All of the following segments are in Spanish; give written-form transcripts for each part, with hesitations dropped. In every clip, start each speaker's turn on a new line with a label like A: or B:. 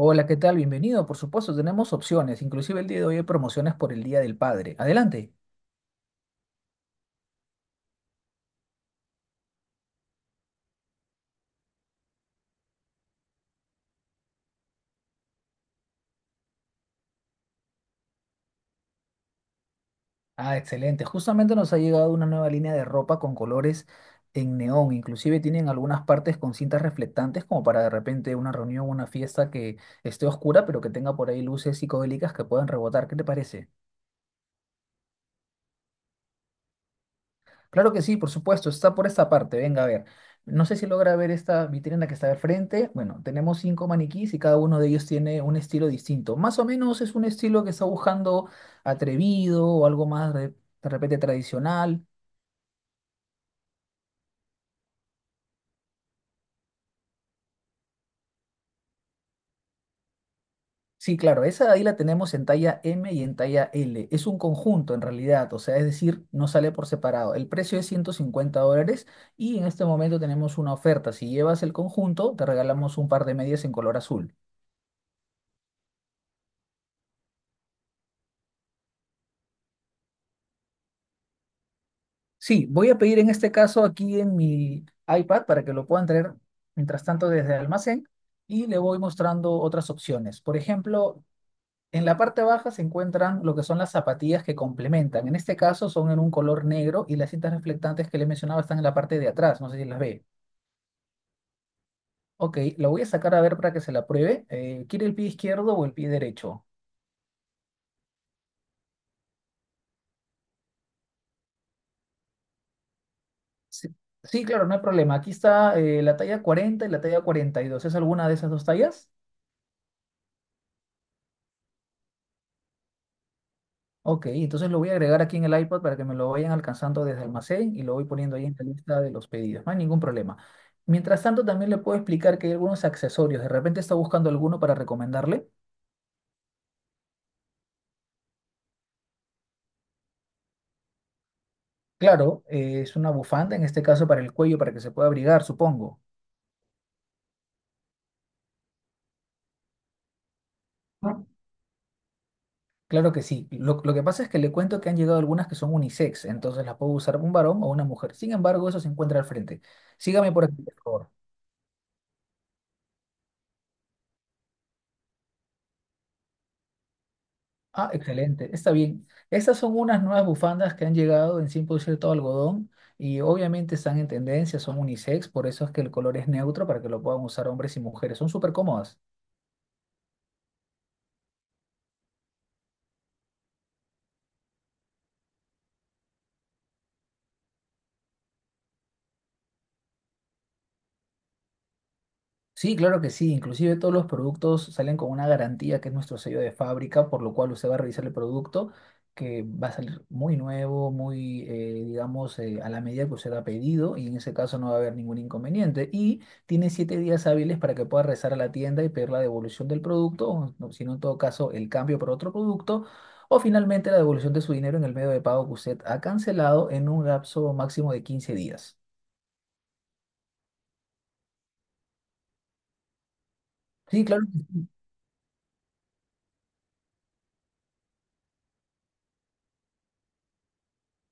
A: Hola, ¿qué tal? Bienvenido. Por supuesto, tenemos opciones. Inclusive el día de hoy hay promociones por el Día del Padre. Adelante. Ah, excelente. Justamente nos ha llegado una nueva línea de ropa con colores en neón. Inclusive tienen algunas partes con cintas reflectantes como para de repente una reunión o una fiesta que esté oscura, pero que tenga por ahí luces psicodélicas que puedan rebotar. ¿Qué te parece? Claro que sí, por supuesto, está por esta parte. Venga a ver. No sé si logra ver esta vitrina que está al frente. Bueno, tenemos cinco maniquís y cada uno de ellos tiene un estilo distinto. Más o menos es un estilo que está buscando atrevido o algo más de repente tradicional. Sí, claro, esa de ahí la tenemos en talla M y en talla L. Es un conjunto en realidad, o sea, es decir, no sale por separado. El precio es $150 y en este momento tenemos una oferta. Si llevas el conjunto, te regalamos un par de medias en color azul. Sí, voy a pedir en este caso aquí en mi iPad para que lo puedan traer mientras tanto desde el almacén y le voy mostrando otras opciones. Por ejemplo, en la parte baja se encuentran lo que son las zapatillas que complementan. En este caso son en un color negro y las cintas reflectantes que le mencionaba están en la parte de atrás. No sé si las ve. Ok, la voy a sacar a ver para que se la pruebe. ¿Quiere el pie izquierdo o el pie derecho? Sí, sí, claro, no hay problema. Aquí está la talla 40 y la talla 42. ¿Es alguna de esas dos tallas? Ok, entonces lo voy a agregar aquí en el iPad para que me lo vayan alcanzando desde almacén y lo voy poniendo ahí en la lista de los pedidos. No hay ningún problema. Mientras tanto, también le puedo explicar que hay algunos accesorios. De repente está buscando alguno para recomendarle. Claro, es una bufanda, en este caso para el cuello, para que se pueda abrigar, supongo. ¿No? Claro que sí. Lo que pasa es que le cuento que han llegado algunas que son unisex, entonces las puedo usar un varón o una mujer. Sin embargo, eso se encuentra al frente. Sígame por aquí, por favor. Ah, excelente, está bien. Estas son unas nuevas bufandas que han llegado en 100% algodón y obviamente están en tendencia, son unisex, por eso es que el color es neutro para que lo puedan usar hombres y mujeres. Son súper cómodas. Sí, claro que sí. Inclusive todos los productos salen con una garantía que es nuestro sello de fábrica, por lo cual usted va a revisar el producto que va a salir muy nuevo, muy, digamos, a la medida que usted ha pedido y en ese caso no va a haber ningún inconveniente. Y tiene 7 días hábiles para que pueda regresar a la tienda y pedir la devolución del producto, o no, si no, en todo caso, el cambio por otro producto. O finalmente la devolución de su dinero en el medio de pago que usted ha cancelado en un lapso máximo de 15 días. Sí, claro.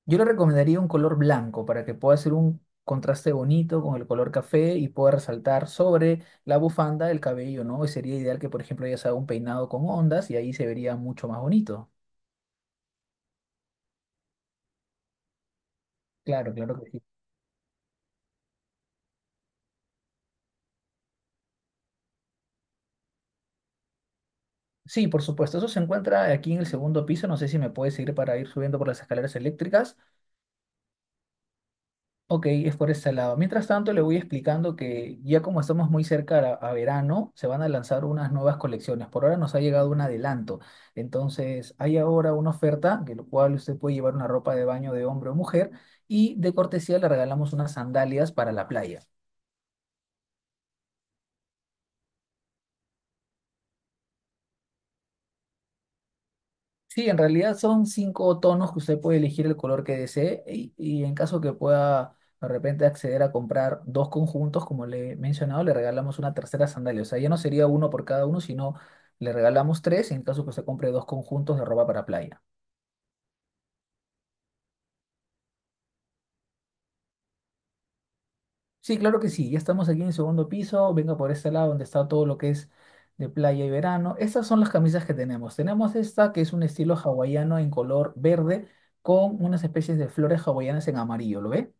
A: Yo le recomendaría un color blanco para que pueda hacer un contraste bonito con el color café y pueda resaltar sobre la bufanda el cabello, ¿no? Y sería ideal que, por ejemplo, ella se haga un peinado con ondas y ahí se vería mucho más bonito. Claro, claro que sí. Sí, por supuesto. Eso se encuentra aquí en el segundo piso. No sé si me puedes seguir para ir subiendo por las escaleras eléctricas. Ok, es por ese lado. Mientras tanto, le voy explicando que ya como estamos muy cerca a verano, se van a lanzar unas nuevas colecciones. Por ahora nos ha llegado un adelanto. Entonces, hay ahora una oferta, que lo cual usted puede llevar una ropa de baño de hombre o mujer, y de cortesía le regalamos unas sandalias para la playa. Sí, en realidad son cinco tonos que usted puede elegir el color que desee y en caso que pueda de repente acceder a comprar dos conjuntos, como le he mencionado, le regalamos una tercera sandalia. O sea, ya no sería uno por cada uno, sino le regalamos tres en caso que usted compre dos conjuntos de ropa para playa. Sí, claro que sí, ya estamos aquí en el segundo piso, venga por este lado donde está todo lo que es de playa y verano. Estas son las camisas que tenemos. Tenemos esta que es un estilo hawaiano en color verde con unas especies de flores hawaianas en amarillo, ¿lo ve?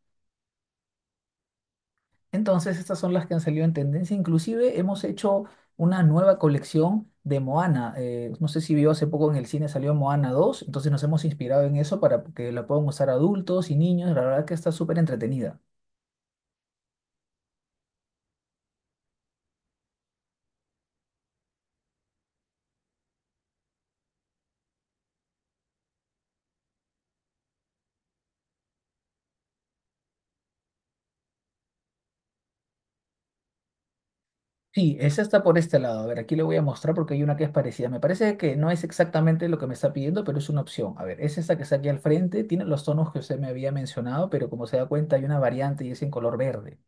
A: Entonces, estas son las que han salido en tendencia. Inclusive hemos hecho una nueva colección de Moana. No sé si vio hace poco en el cine salió Moana 2. Entonces nos hemos inspirado en eso para que la puedan usar adultos y niños. La verdad que está súper entretenida. Sí, esa está por este lado. A ver, aquí le voy a mostrar porque hay una que es parecida. Me parece que no es exactamente lo que me está pidiendo, pero es una opción. A ver, es esta que está aquí al frente. Tiene los tonos que usted me había mencionado, pero como se da cuenta hay una variante y es en color verde.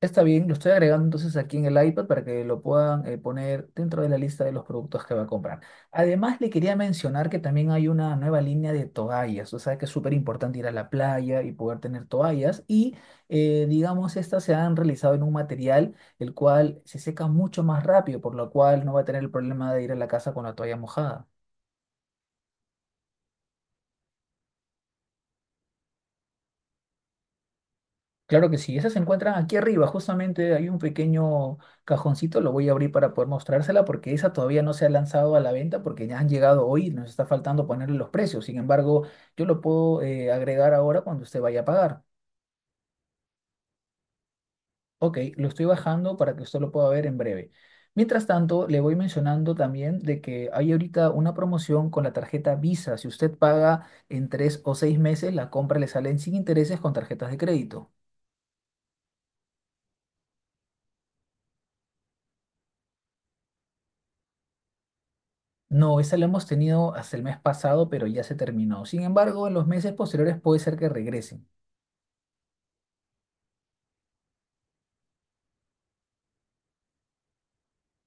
A: Está bien, lo estoy agregando entonces aquí en el iPad para que lo puedan poner dentro de la lista de los productos que va a comprar. Además, le quería mencionar que también hay una nueva línea de toallas, o sea que es súper importante ir a la playa y poder tener toallas y digamos, estas se han realizado en un material el cual se seca mucho más rápido, por lo cual no va a tener el problema de ir a la casa con la toalla mojada. Claro que sí, esa se encuentra aquí arriba, justamente hay un pequeño cajoncito, lo voy a abrir para poder mostrársela porque esa todavía no se ha lanzado a la venta porque ya han llegado hoy, nos está faltando ponerle los precios, sin embargo, yo lo puedo agregar ahora cuando usted vaya a pagar. Ok, lo estoy bajando para que usted lo pueda ver en breve. Mientras tanto, le voy mencionando también de que hay ahorita una promoción con la tarjeta Visa, si usted paga en 3 o 6 meses, la compra le sale en sin intereses con tarjetas de crédito. No, esa la hemos tenido hasta el mes pasado, pero ya se terminó. Sin embargo, en los meses posteriores puede ser que regresen.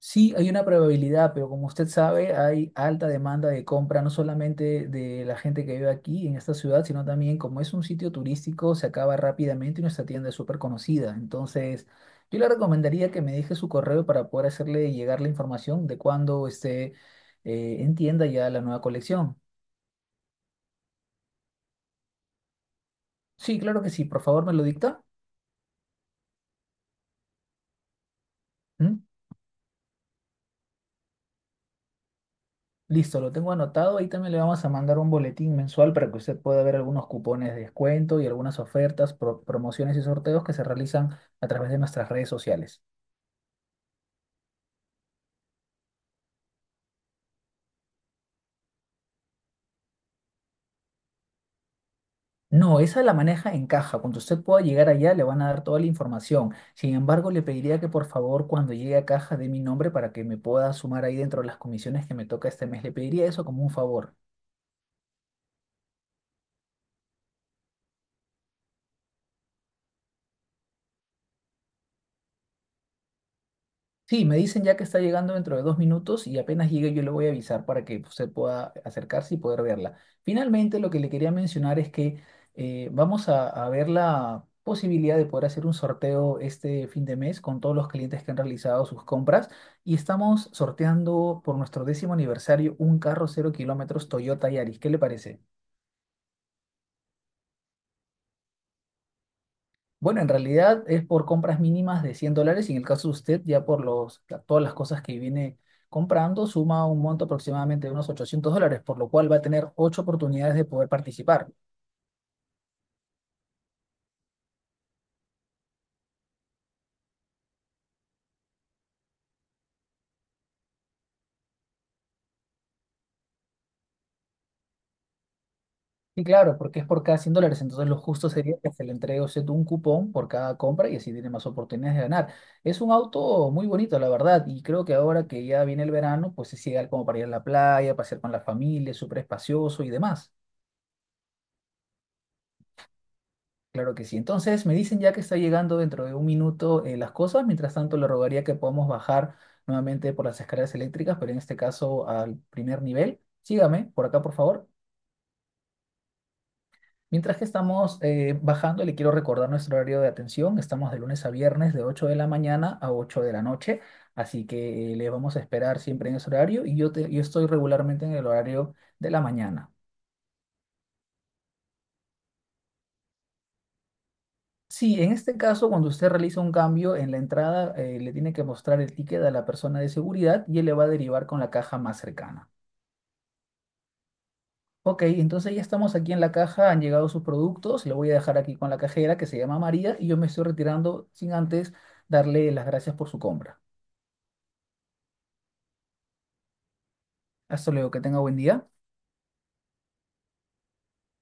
A: Sí, hay una probabilidad, pero como usted sabe, hay alta demanda de compra, no solamente de la gente que vive aquí en esta ciudad, sino también como es un sitio turístico, se acaba rápidamente y nuestra tienda es súper conocida. Entonces, yo le recomendaría que me deje su correo para poder hacerle llegar la información de cuándo esté en tienda ya la nueva colección. Sí, claro que sí, por favor me lo dicta. ¿Mm? Listo, lo tengo anotado. Ahí también le vamos a mandar un boletín mensual para que usted pueda ver algunos cupones de descuento y algunas ofertas, promociones y sorteos que se realizan a través de nuestras redes sociales. No, esa la maneja en caja. Cuando usted pueda llegar allá, le van a dar toda la información. Sin embargo, le pediría que por favor, cuando llegue a caja, dé mi nombre para que me pueda sumar ahí dentro de las comisiones que me toca este mes. Le pediría eso como un favor. Sí, me dicen ya que está llegando dentro de 2 minutos y apenas llegue yo le voy a avisar para que usted pueda acercarse y poder verla. Finalmente, lo que le quería mencionar es que vamos a ver la posibilidad de poder hacer un sorteo este fin de mes con todos los clientes que han realizado sus compras y estamos sorteando por nuestro décimo aniversario un carro 0 kilómetros Toyota Yaris. ¿Qué le parece? Bueno, en realidad es por compras mínimas de $100 y en el caso de usted ya por todas las cosas que viene comprando suma un monto aproximadamente de unos $800, por lo cual va a tener ocho oportunidades de poder participar. Y claro, porque es por cada $100, entonces lo justo sería que se le entregue a usted un cupón por cada compra y así tiene más oportunidades de ganar. Es un auto muy bonito, la verdad, y creo que ahora que ya viene el verano, pues es ideal como para ir a la playa, pasear con la familia, es súper espacioso y demás. Claro que sí. Entonces me dicen ya que está llegando dentro de 1 minuto las cosas. Mientras tanto, le rogaría que podamos bajar nuevamente por las escaleras eléctricas, pero en este caso al primer nivel. Sígame por acá, por favor. Mientras que estamos bajando, le quiero recordar nuestro horario de atención. Estamos de lunes a viernes de 8 de la mañana a 8 de la noche. Así que le vamos a esperar siempre en ese horario y yo estoy regularmente en el horario de la mañana. Sí, en este caso, cuando usted realiza un cambio en la entrada, le tiene que mostrar el ticket a la persona de seguridad y él le va a derivar con la caja más cercana. Ok, entonces ya estamos aquí en la caja, han llegado sus productos, le voy a dejar aquí con la cajera que se llama María y yo me estoy retirando sin antes darle las gracias por su compra. Hasta luego, que tenga buen día.